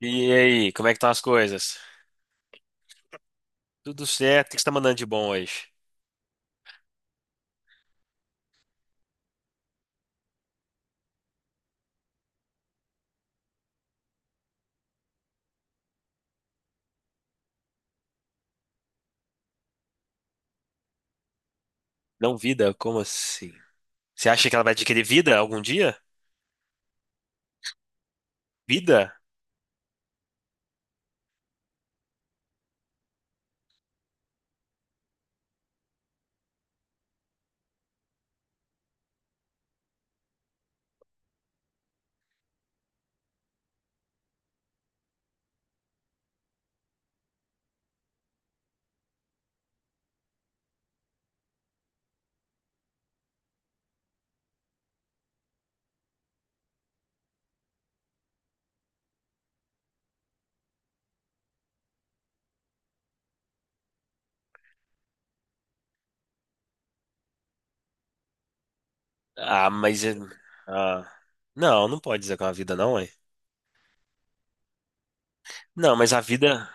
E aí, como é que estão as coisas? Tudo certo, o que você tá mandando de bom hoje? Não vida? Como assim? Você acha que ela vai adquirir vida algum dia? Vida? Ah, mas. Ah, não pode dizer que é uma vida, não, é? Não, mas a vida.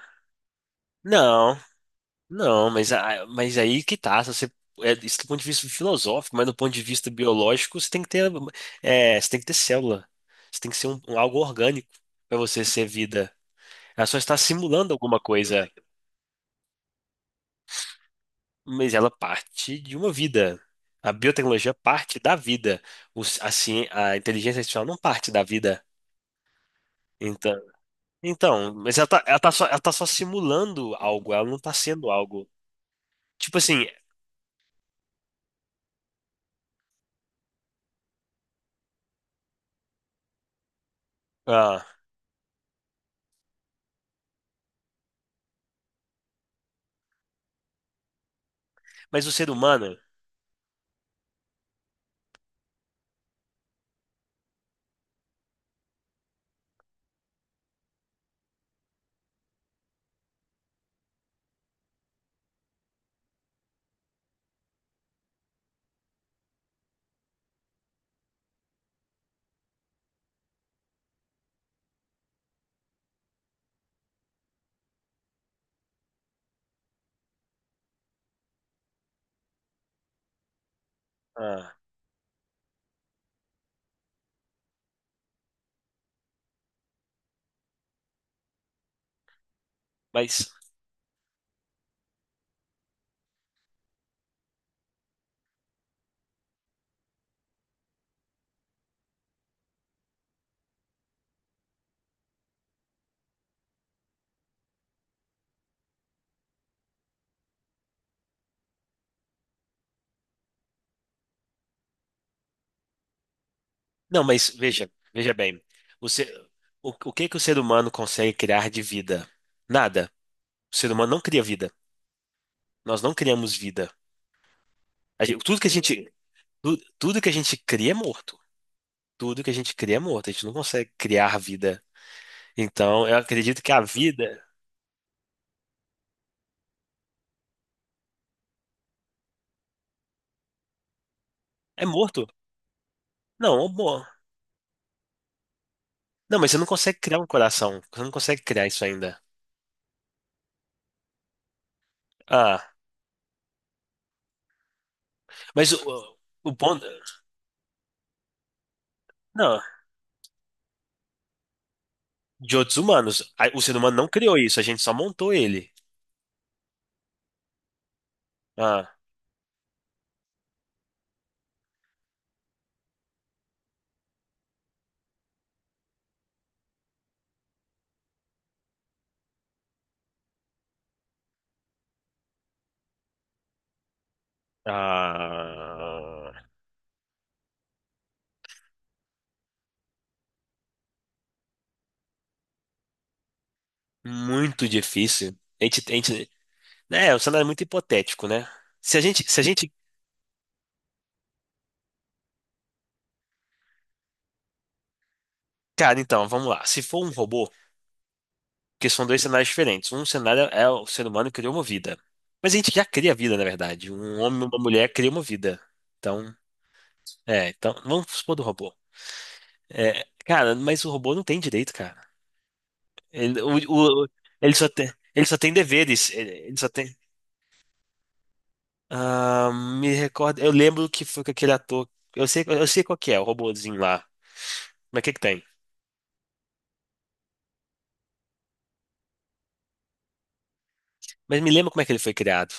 Não, não, mas, mas aí que tá. Se você, isso do ponto de vista filosófico, mas do ponto de vista biológico, você tem que ter, você tem que ter célula. Você tem que ser um algo orgânico para você ser vida. Ela só está simulando alguma coisa. Mas ela parte de uma vida. A biotecnologia parte da vida. O ci- a, ci- a inteligência artificial não parte da vida. Então, então, mas ela tá só simulando algo, ela não tá sendo algo. Tipo assim, ah, mas o ser humano. Ah, mas. Não, mas veja, veja bem. O, ser, o que que o ser humano consegue criar de vida? Nada. O ser humano não cria vida. Nós não criamos vida. A gente- tudo que a gente, tu- Tudo que a gente cria é morto. Tudo que a gente cria é morto, a gente não consegue criar vida. Então, eu acredito que a vida é morto. Não, amor. Não, mas você não consegue criar um coração. Você não consegue criar isso ainda. Ah, mas o, o ponto. Não, de outros humanos. O ser humano não criou isso, a gente só montou ele. Ah, ah, muito difícil. A gente, né, o cenário é muito hipotético, né? Se a gente, cara, então, vamos lá. Se for um robô. Porque são dois cenários diferentes. Um cenário é o ser humano criou uma vida. Mas a gente já cria vida, na verdade. Um homem e uma mulher criam uma vida. Então, então, vamos supor do robô. É, cara, mas o robô não tem direito, cara. Ele, o- o- Ele só tem, ele só tem deveres. Ele só tem. Ah, me recordo. Eu lembro que foi com aquele ator. Eu sei qual que é, o robôzinho lá. Mas o que que tem? Mas me lembra como é que ele foi criado.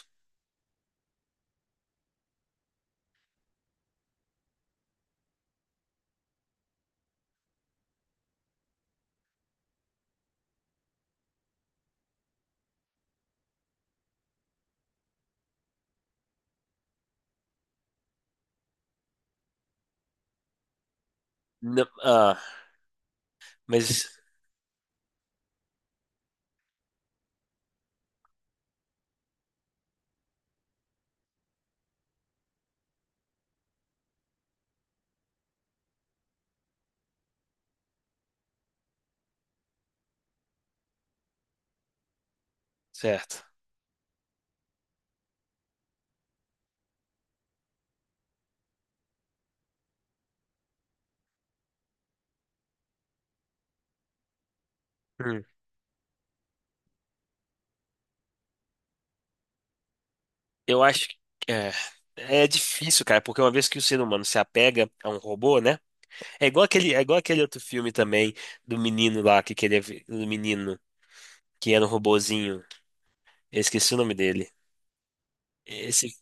Não- ah, mas. Certo. Hum. Eu acho que é, é difícil, cara, porque uma vez que o ser humano se apega a um robô, né? É igual aquele outro filme também do menino lá que do menino que era um robozinho. Eu esqueci o nome dele. Esse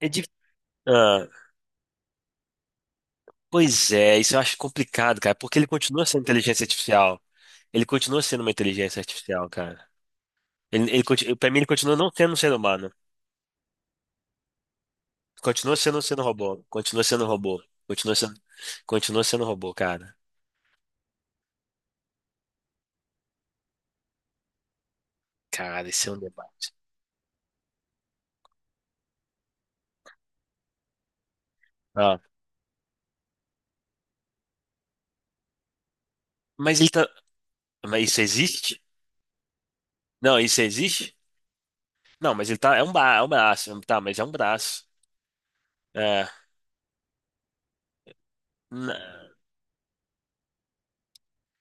é de, ah, pois é, isso eu acho complicado, cara, porque ele continua sendo inteligência artificial. Ele continua sendo uma inteligência artificial, cara. Pra mim, ele continua não sendo um ser humano. Continua sendo robô. Continua sendo robô. Continua sendo, continua sendo robô, cara. Cara, esse é um debate. Mas ele tá. Mas isso existe? Não, isso existe? Não, mas ele tá. É um braço. Tá, mas é um braço. É. N-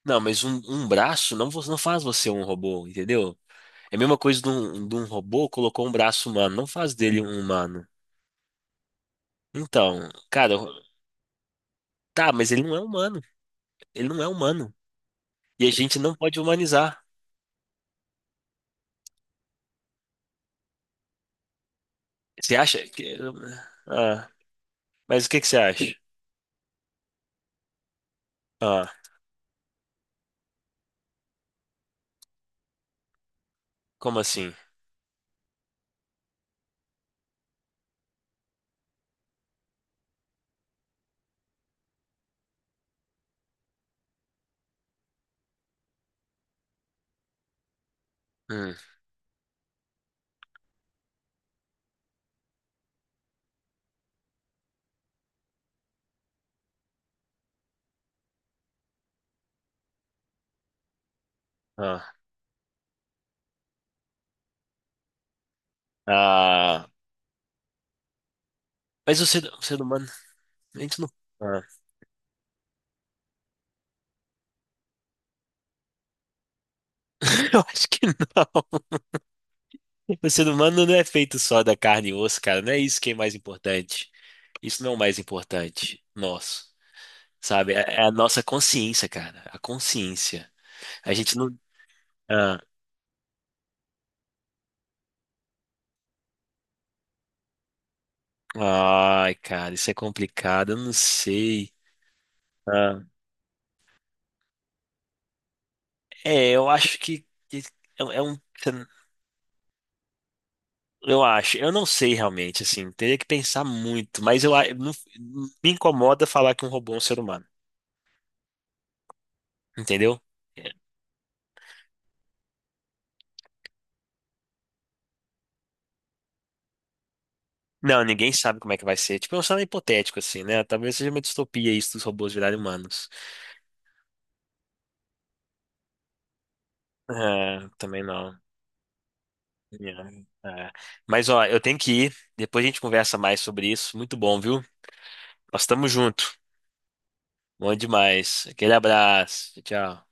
Não, mas um braço não, não faz você um robô, entendeu? É a mesma coisa de um robô colocou um braço humano. Não faz dele um humano. Então, cara, tá, mas ele não é humano. Ele não é humano. E a gente não pode humanizar. Você acha que. Ah, mas o que que você acha? Ah, como assim? Hum, ah, ah, mas o ser humano. A gente não. Ah, eu acho que não. O ser humano não é feito só da carne e osso, cara. Não é isso que é mais importante. Isso não é o mais importante. Nosso. Sabe? É é a nossa consciência, cara. A consciência. A gente não. Ah. Ai, cara, isso é complicado. Eu não sei. Ah. Eu acho que. É, é um. Eu acho. Eu não sei realmente, assim. Teria que pensar muito. Mas eu a- não, me incomoda falar que um robô é um ser humano. Entendeu? Não, ninguém sabe como é que vai ser. Tipo, é um cenário hipotético, assim, né? Talvez seja uma distopia isso dos robôs virarem humanos. É, também não. É, é. Mas, ó, eu tenho que ir. Depois a gente conversa mais sobre isso. Muito bom, viu? Nós estamos juntos. Bom demais. Aquele abraço. Tchau.